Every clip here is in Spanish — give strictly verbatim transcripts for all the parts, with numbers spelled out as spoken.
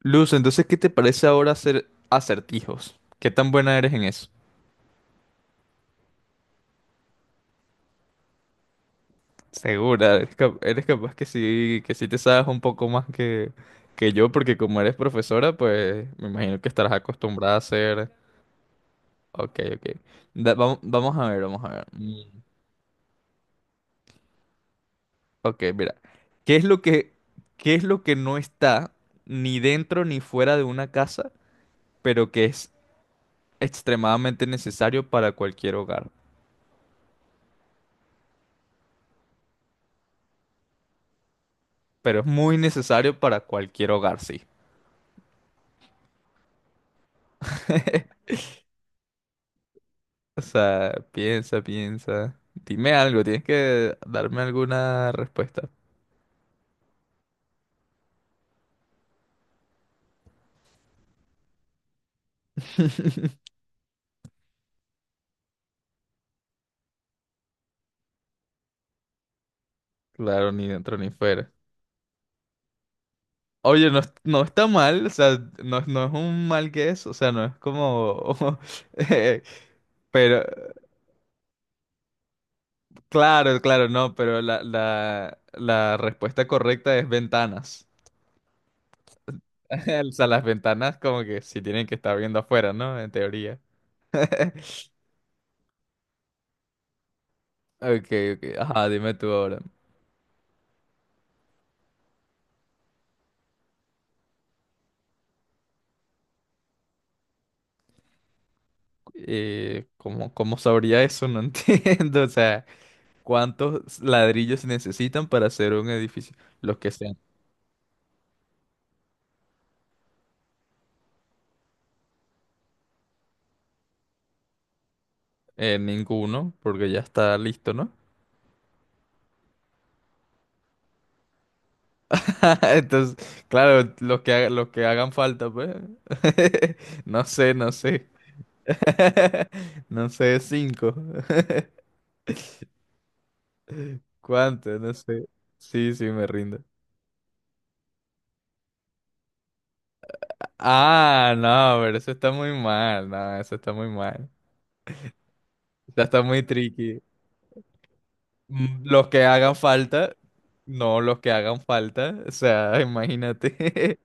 Luz, entonces, ¿qué te parece ahora hacer acertijos? ¿Qué tan buena eres en eso? Segura, eres, cap- eres capaz que sí, que sí te sabes un poco más que, que yo, porque como eres profesora, pues me imagino que estarás acostumbrada a hacer. Ok, ok. Da- vamo- vamos, a ver, vamos a ver. Mm, Ok, mira. ¿Qué es lo que, qué es lo que no está ni dentro ni fuera de una casa, pero que es extremadamente necesario para cualquier hogar? Pero es muy necesario para cualquier hogar, sí. O sea, piensa, piensa. Dime algo, tienes que darme alguna respuesta. Claro, ni dentro ni fuera. Oye, no, es- no está mal, o sea, no, no es un mal que es, o sea, no es como eh, pero, claro, claro, no, pero la, la, la respuesta correcta es ventanas. O sea, las ventanas como que sí tienen que estar viendo afuera, ¿no? En teoría. Ok, ok, ajá, dime tú ahora. Eh, ¿cómo, cómo sabría eso? No entiendo. O sea, ¿cuántos ladrillos se necesitan para hacer un edificio? Los que sean. Eh, ninguno, porque ya está listo, ¿no? Entonces, claro, los que, ha- los que hagan falta, pues. No sé, no sé. No sé, cinco. ¿Cuánto? No sé. Sí, sí, me rindo. Ah, no, pero eso está muy mal. No, eso está muy mal. Ya está muy tricky. Mm, Los que hagan falta, no los que hagan falta, o sea, imagínate.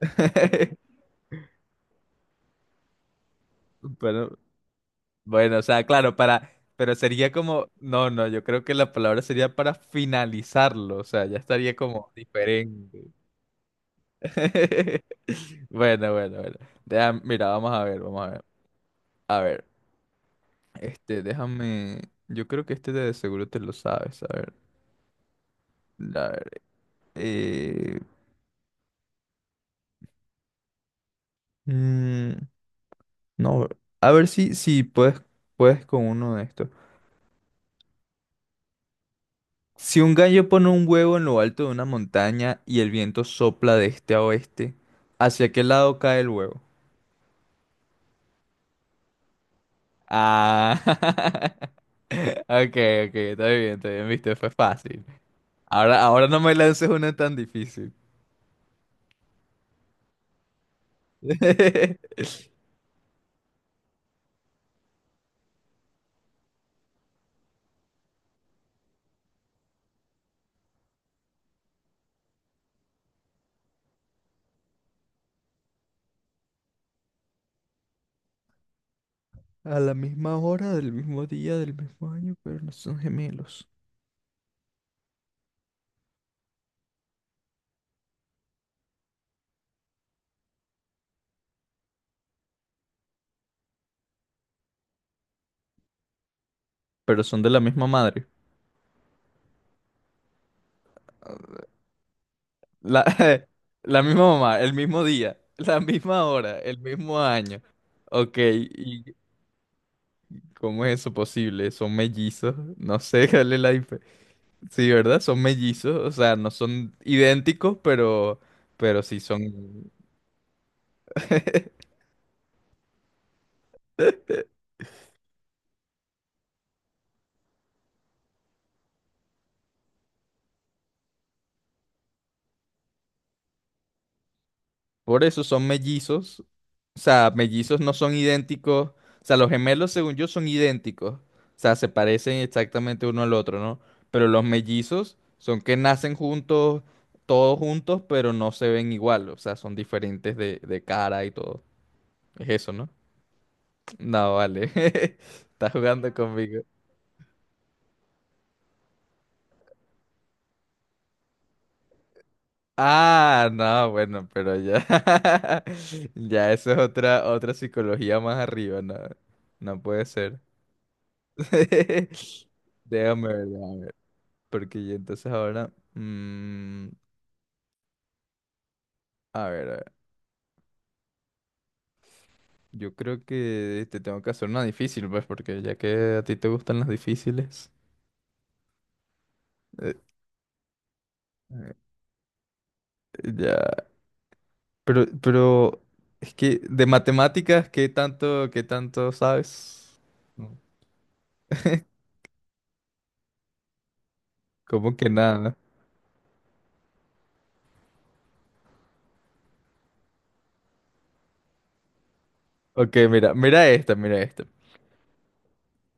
Pero, bueno, o sea, claro, para, pero sería como, no, no, yo creo que la palabra sería para finalizarlo, o sea, ya estaría como diferente. Bueno, bueno, bueno. Deja- mira, vamos a ver, vamos a ver. A ver, este, déjame, yo creo que este de seguro te lo sabes, a ver. A ver, eh... mm, no, a ver si, si puedes, puedes con uno de estos. Si un gallo pone un huevo en lo alto de una montaña y el viento sopla de este a oeste, ¿hacia qué lado cae el huevo? Ah, ok, ok, está bien, está bien, viste, fue fácil. Ahora, ahora no me lances una tan difícil. A la misma hora, del mismo día, del mismo año, pero no son gemelos. Pero son de la misma madre. La, la misma mamá, el mismo día, la misma hora, el mismo año. Ok, ¿y cómo es eso posible? ¿Son mellizos? No sé. cuál es la dif- Sí, ¿verdad? Son mellizos, o sea, no son idénticos, pero, pero sí son. Por eso son mellizos. O sea, mellizos no son idénticos. O sea, los gemelos, según yo, son idénticos. O sea, se parecen exactamente uno al otro, ¿no? Pero los mellizos son que nacen juntos, todos juntos, pero no se ven igual. O sea, son diferentes de, de cara y todo. Es eso, ¿no? No, vale. Estás jugando conmigo. Ah, no, bueno, pero ya. Ya, eso es otra, otra psicología más arriba, no. No puede ser. Déjame ver, déjame ver, porque yo entonces ahora. mm, a ver, a ver. Yo creo que te tengo que hacer una difícil, pues, porque ya que a ti te gustan las difíciles. eh, eh, ya. Pero, pero. Es que de matemáticas, ¿qué tanto, qué tanto sabes? No. ¿Cómo que nada? No? Ok, mira, mira esta, mira esta.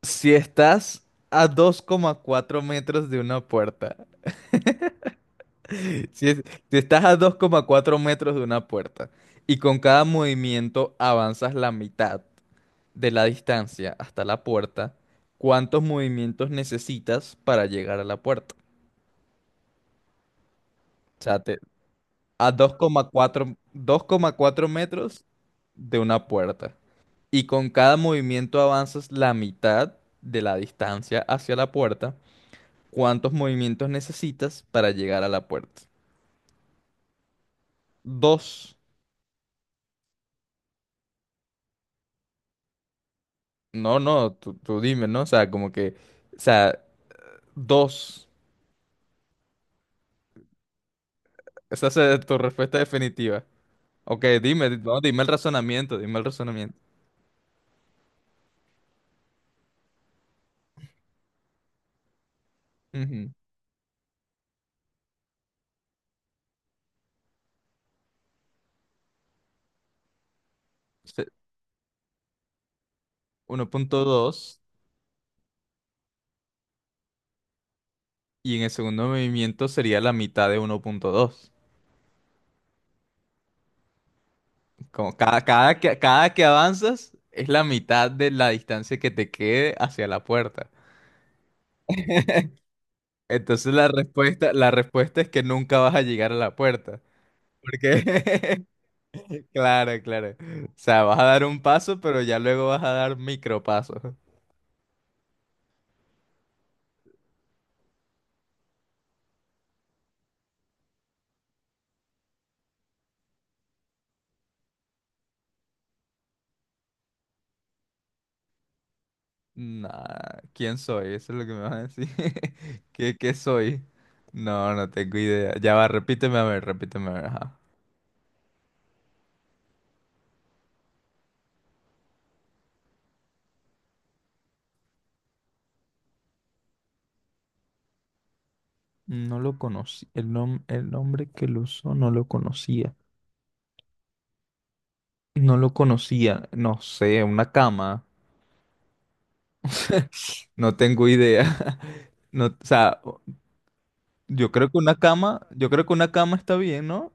Si estás a dos coma cuatro metros de una puerta. Si, es- si estás a dos coma cuatro metros de una puerta y con cada movimiento avanzas la mitad de la distancia hasta la puerta, ¿cuántos movimientos necesitas para llegar a la puerta? O sea, te- a dos coma cuatro dos coma cuatro metros de una puerta y con cada movimiento avanzas la mitad de la distancia hacia la puerta, ¿cuántos movimientos necesitas para llegar a la puerta? Dos. No, no, tú, tú dime, ¿no? O sea, como que, o sea, dos. Esa es tu respuesta definitiva. Ok, dime, di- no, dime el razonamiento, dime el razonamiento. Ujú. Se- uno punto dos y en el segundo movimiento sería la mitad de uno punto dos. Como cada, cada que, cada que avanzas es la mitad de la distancia que te quede hacia la puerta. Entonces la respuesta, la respuesta es que nunca vas a llegar a la puerta. ¿Por qué? Claro, claro. O sea, vas a dar un paso, pero ya luego vas a dar micropasos. Nah, ¿quién soy? Eso es lo que me vas a decir. ¿Qué, qué soy? No, no tengo idea. Ya va, repíteme a ver, repíteme a ver. Ajá. No lo conocí. El nom- el nombre que lo usó no lo conocía. No lo conocía. No sé, una cama. No tengo idea. No, o sea, yo creo que una cama, yo creo que una cama está bien, ¿no?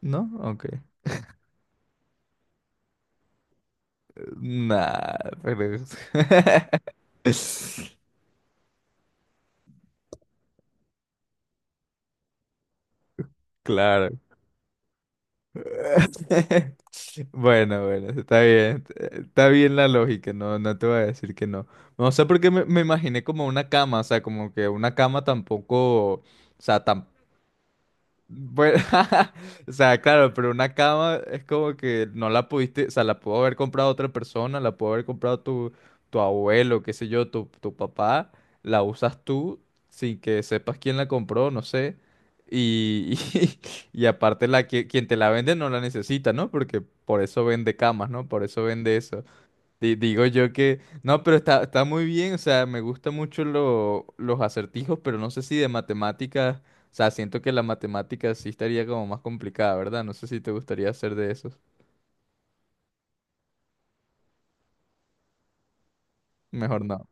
¿No? Ok. Nah, pero. Claro. Bueno, bueno, está bien. Está bien la lógica, no, no te voy a decir que no. No sé por qué me, me imaginé como una cama, o sea, como que una cama tampoco, o sea, Bueno, o sea, claro, pero una cama es como que no la pudiste, o sea, la pudo haber comprado otra persona, la pudo haber comprado tu, tu abuelo, qué sé yo, tu, tu papá, la usas tú sin que sepas quién la compró, no sé. Y, y, aparte la que quien te la vende no la necesita, ¿no? Porque por eso vende camas, ¿no? Por eso vende eso. Di- Digo yo que, no, pero está, está muy bien, o sea, me gustan mucho lo- los acertijos, pero no sé si de matemáticas, o sea, siento que la matemática sí estaría como más complicada, ¿verdad? No sé si te gustaría hacer de esos. Mejor no.